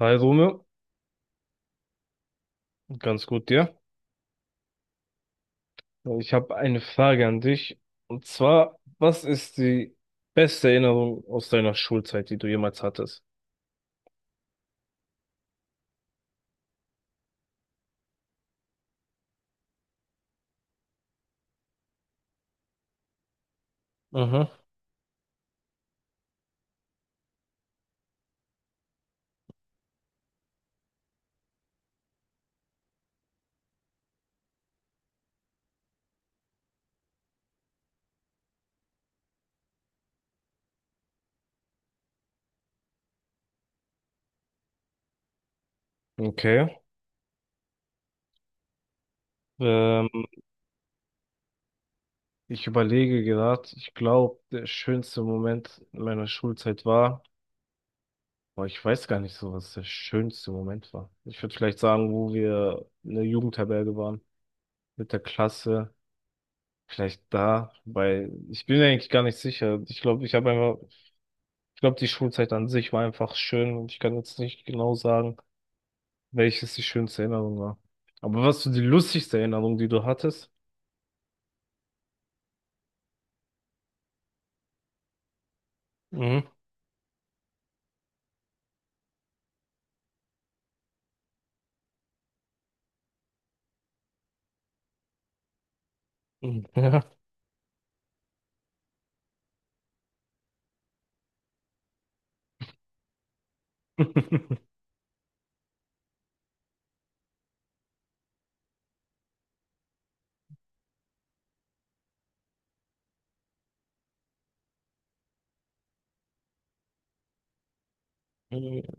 Hi Rome, ganz gut, dir? Ich habe eine Frage an dich. Und zwar, was ist die beste Erinnerung aus deiner Schulzeit, die du jemals hattest? Mhm. Okay. Ähm, ich überlege gerade, ich glaube, der schönste Moment meiner Schulzeit war, boah, ich weiß gar nicht so, was der schönste Moment war. Ich würde vielleicht sagen, wo wir in der Jugendherberge waren, mit der Klasse. Vielleicht da, weil ich bin mir eigentlich gar nicht sicher. Ich glaube, ich habe einfach Ich glaube, die Schulzeit an sich war einfach schön und ich kann jetzt nicht genau sagen, welches die schönste Erinnerung war. Aber was so die lustigste Erinnerung, die du hattest? Mhm. Mhm. Ja.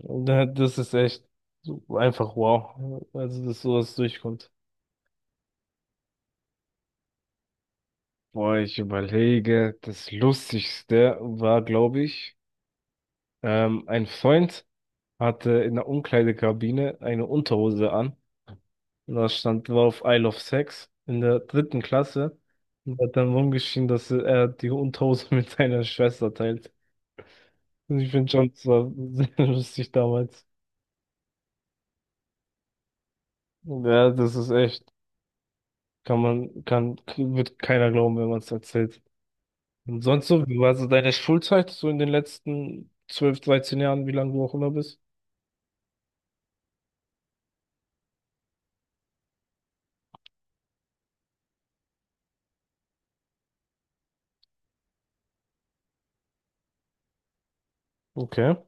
Das ist echt so einfach, wow. Also, dass sowas durchkommt. Boah, ich überlege, das Lustigste war, glaube ich, ein Freund hatte in der Umkleidekabine eine Unterhose an. Da stand drauf Isle of Sex in der dritten Klasse und hat dann rumgeschrien, dass er die Unterhose mit seiner Schwester teilt. Und ich finde schon, das war sehr lustig damals. Ja, das ist echt, wird keiner glauben, wenn man es erzählt. Und sonst so, wie war so deine Schulzeit, so in den letzten 12, 13 Jahren, wie lange du auch immer bist? Okay.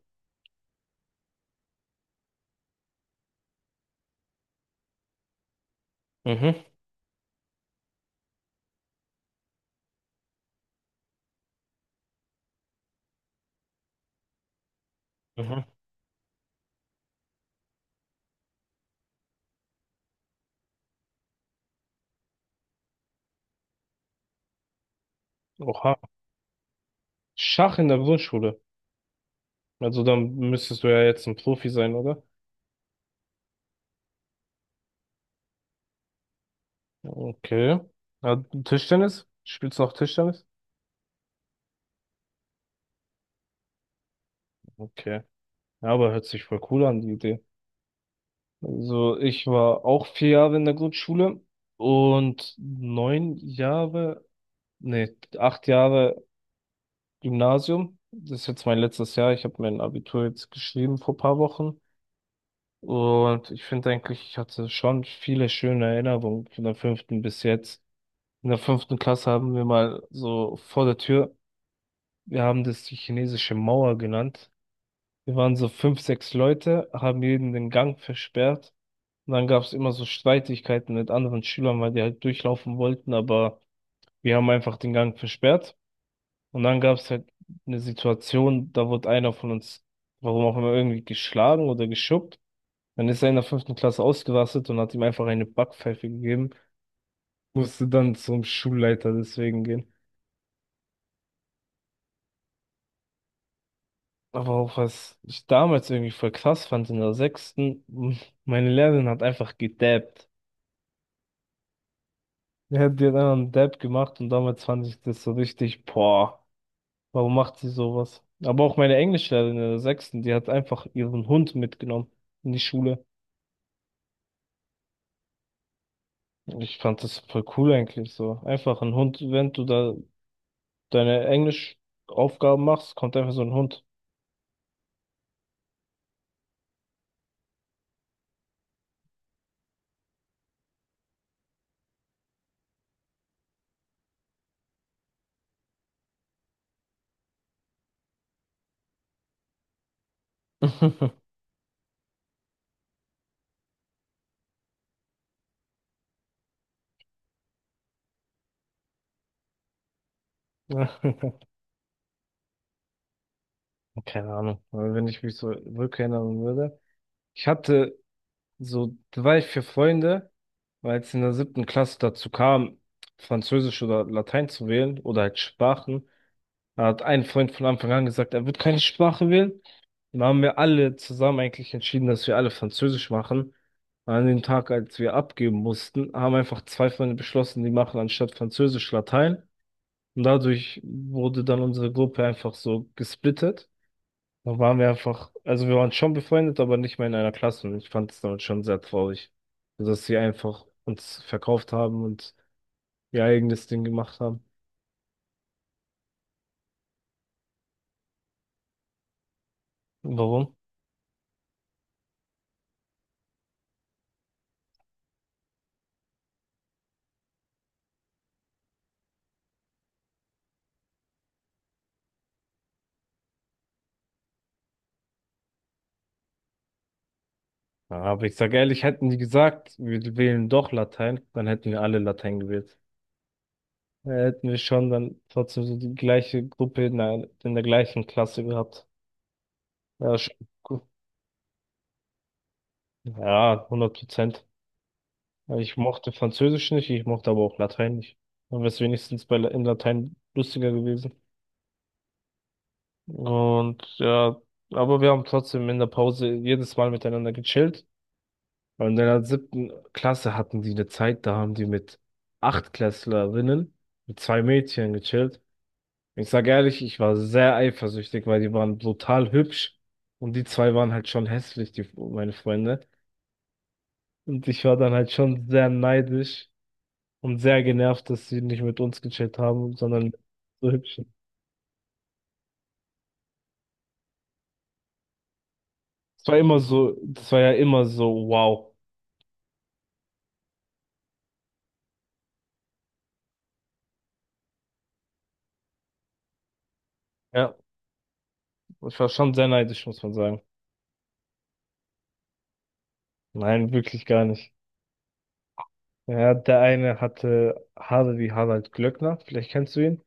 Mhm. Mhm. Oha. Schach in der Grundschule. Also dann müsstest du ja jetzt ein Profi sein, oder? Okay. Ja, Tischtennis? Spielst du noch Tischtennis? Okay. Ja, aber hört sich voll cool an, die Idee. Also ich war auch 4 Jahre in der Grundschule und 9 Jahre, nee, 8 Jahre Gymnasium. Das ist jetzt mein letztes Jahr. Ich habe mein Abitur jetzt geschrieben vor paar Wochen. Und ich finde eigentlich, ich hatte schon viele schöne Erinnerungen von der fünften bis jetzt. In der fünften Klasse haben wir mal so vor der Tür, wir haben das die chinesische Mauer genannt. Wir waren so fünf, sechs Leute, haben jeden den Gang versperrt. Und dann gab es immer so Streitigkeiten mit anderen Schülern, weil die halt durchlaufen wollten, aber wir haben einfach den Gang versperrt. Und dann gab es halt eine Situation, da wurde einer von uns, warum auch immer, irgendwie geschlagen oder geschubbt. Dann ist er in der fünften Klasse ausgerastet und hat ihm einfach eine Backpfeife gegeben. Musste dann zum Schulleiter deswegen gehen. Aber auch was ich damals irgendwie voll krass fand in der sechsten, meine Lehrerin hat einfach gedabbt. Ja, die hat die dann einen Dab gemacht und damals fand ich das so richtig, boah, warum macht sie sowas? Aber auch meine Englischlehrerin in der sechsten, die hat einfach ihren Hund mitgenommen in die Schule. Ich fand das voll cool eigentlich so. Einfach ein Hund, wenn du da deine Englischaufgaben machst, kommt einfach so ein Hund. Keine Ahnung, wenn ich mich so rückerinnern würde. Ich hatte So, da war ich für Freunde, weil es in der siebten Klasse dazu kam, Französisch oder Latein zu wählen oder halt Sprachen. Da hat ein Freund von Anfang an gesagt, er wird keine Sprache wählen. Dann haben wir alle zusammen eigentlich entschieden, dass wir alle Französisch machen. Und an dem Tag, als wir abgeben mussten, haben einfach zwei Freunde beschlossen, die machen anstatt Französisch Latein. Und dadurch wurde dann unsere Gruppe einfach so gesplittet. Da waren wir einfach, also wir waren schon befreundet, aber nicht mehr in einer Klasse. Und ich fand es damals schon sehr traurig, dass sie einfach uns verkauft haben und ihr eigenes Ding gemacht haben. Warum? Ja, aber ich sage ehrlich, hätten die gesagt, wir wählen doch Latein, dann hätten wir alle Latein gewählt. Dann hätten wir schon dann trotzdem so die gleiche Gruppe in der, gleichen Klasse gehabt. Ja, schon gut. Ja, 100%. Ja, ich mochte Französisch nicht, ich mochte aber auch Latein nicht. Dann wäre es wenigstens in Latein lustiger gewesen. Und ja, aber wir haben trotzdem in der Pause jedes Mal miteinander gechillt. Und in der siebten Klasse hatten die eine Zeit, da haben die mit Achtklässlerinnen, mit zwei Mädchen gechillt. Ich sag ehrlich, ich war sehr eifersüchtig, weil die waren brutal hübsch und die zwei waren halt schon hässlich, die, meine Freunde. Und ich war dann halt schon sehr neidisch und sehr genervt, dass sie nicht mit uns gechillt haben, sondern mit so hübschen. Es war immer so, das war ja immer so, wow. Ja, ich war schon sehr neidisch, muss man sagen. Nein, wirklich gar nicht. Ja, der eine hatte Haare wie Harald Glöckner, vielleicht kennst du ihn.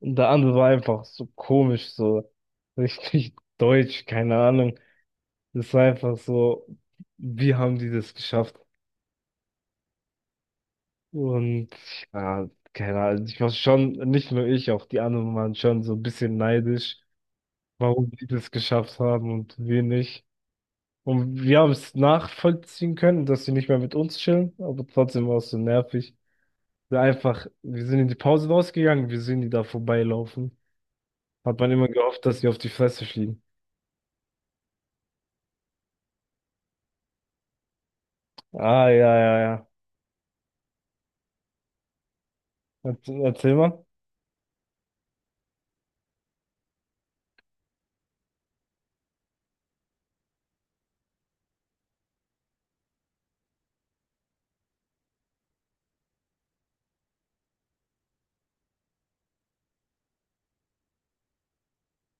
Und der andere war einfach so komisch, so richtig deutsch, keine Ahnung. Es war einfach so, wie haben die das geschafft? Und ja, keine Ahnung, ich war schon, nicht nur ich, auch die anderen waren schon so ein bisschen neidisch, warum die das geschafft haben und wir nicht. Und wir haben es nachvollziehen können, dass sie nicht mehr mit uns chillen, aber trotzdem war es so nervig. Wir einfach, wir sind in die Pause rausgegangen, wir sehen die da vorbeilaufen. Hat man immer gehofft, dass sie auf die Fresse fliegen. Ah, ja, ja, ja. Erzähl, erzähl mal.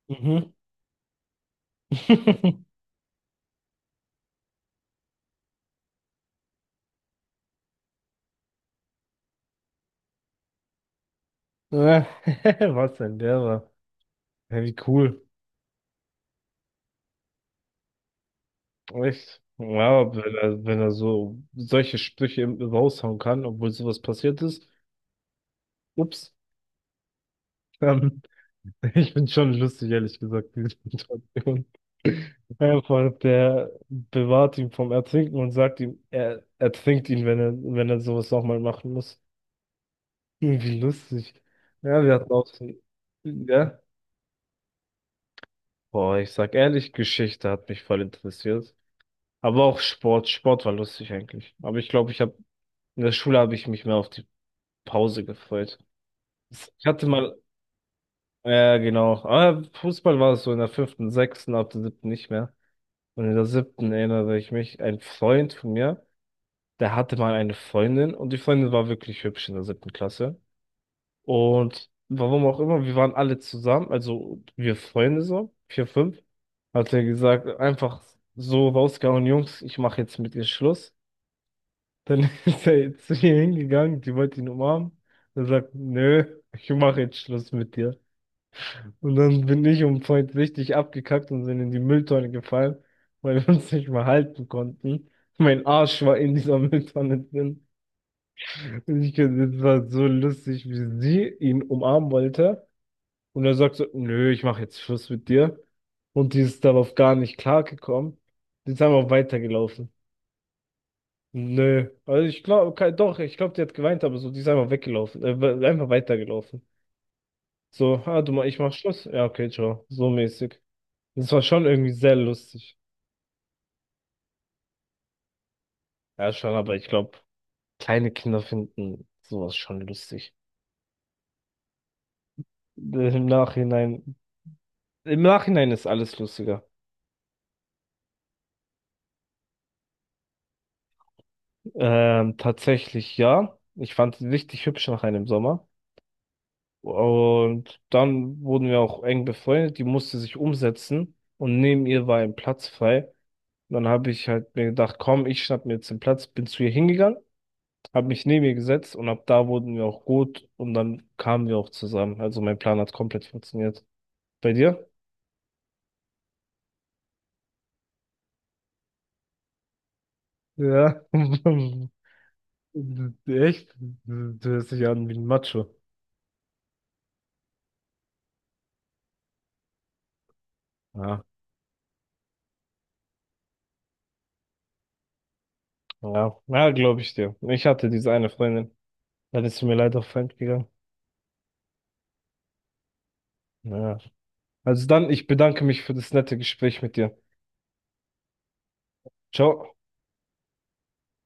Mhm. Ja, was denn der war? Ja, wie cool. Echt? Ja, aber wenn er, so solche Sprüche raushauen kann, obwohl sowas passiert ist. Ups. Ähm, Ich finde schon lustig, ehrlich gesagt, diese Situation. Einfach, der bewahrt ihn vom Ertrinken und sagt ihm, er ertrinkt ihn, wenn er sowas nochmal machen muss. Irgendwie lustig. Ja, wir hatten auch so, ja. Boah, ich sag ehrlich, Geschichte hat mich voll interessiert. Aber auch Sport. Sport war lustig eigentlich. Aber ich glaube, in der Schule habe ich mich mehr auf die Pause gefreut. Ich hatte mal, ja, genau. Aber Fußball war es so in der fünften, sechsten, ab der siebten nicht mehr. Und in der siebten erinnere ich mich, ein Freund von mir, der hatte mal eine Freundin und die Freundin war wirklich hübsch in der siebten Klasse. Und warum auch immer, wir waren alle zusammen, also wir Freunde so, vier, fünf, hat er gesagt, einfach so rausgehauen, Jungs, ich mache jetzt mit ihr Schluss. Dann ist er zu ihr hingegangen, die wollte ihn umarmen. Er sagt, nö, ich mache jetzt Schluss mit dir. Und dann bin ich um Point richtig abgekackt und sind in die Mülltonne gefallen, weil wir uns nicht mehr halten konnten. Mein Arsch war in dieser Mülltonne drin. Und ich, das war so lustig, wie sie ihn umarmen wollte. Und er sagt so, nö, ich mache jetzt Schluss mit dir. Und die ist darauf gar nicht klargekommen. Die ist einfach weitergelaufen. Nö. Also ich glaube, doch, ich glaube, die hat geweint, aber so, die ist einfach weggelaufen. Einfach weitergelaufen. So, ah, du, ich mach Schluss. Ja, okay, ciao. So mäßig. Das war schon irgendwie sehr lustig. Ja, schon, aber ich glaube, kleine Kinder finden sowas schon lustig. Äh, Im Nachhinein, im Nachhinein ist alles lustiger. Tatsächlich ja. Ich fand sie richtig hübsch nach einem Sommer. Und dann wurden wir auch eng befreundet. Die musste sich umsetzen und neben ihr war ein Platz frei. Und dann habe ich halt mir gedacht, komm, ich schnapp mir jetzt den Platz, bin zu ihr hingegangen, habe mich neben ihr gesetzt und ab da wurden wir auch gut und dann kamen wir auch zusammen. Also mein Plan hat komplett funktioniert. Bei dir? Ja, echt? Du hörst dich an wie ein Macho. Ja. Ja, ja glaube ich dir. Ich hatte diese eine Freundin. Dann ist sie mir leider auf fremd gegangen. Ja. Also dann, ich bedanke mich für das nette Gespräch mit dir. Ciao.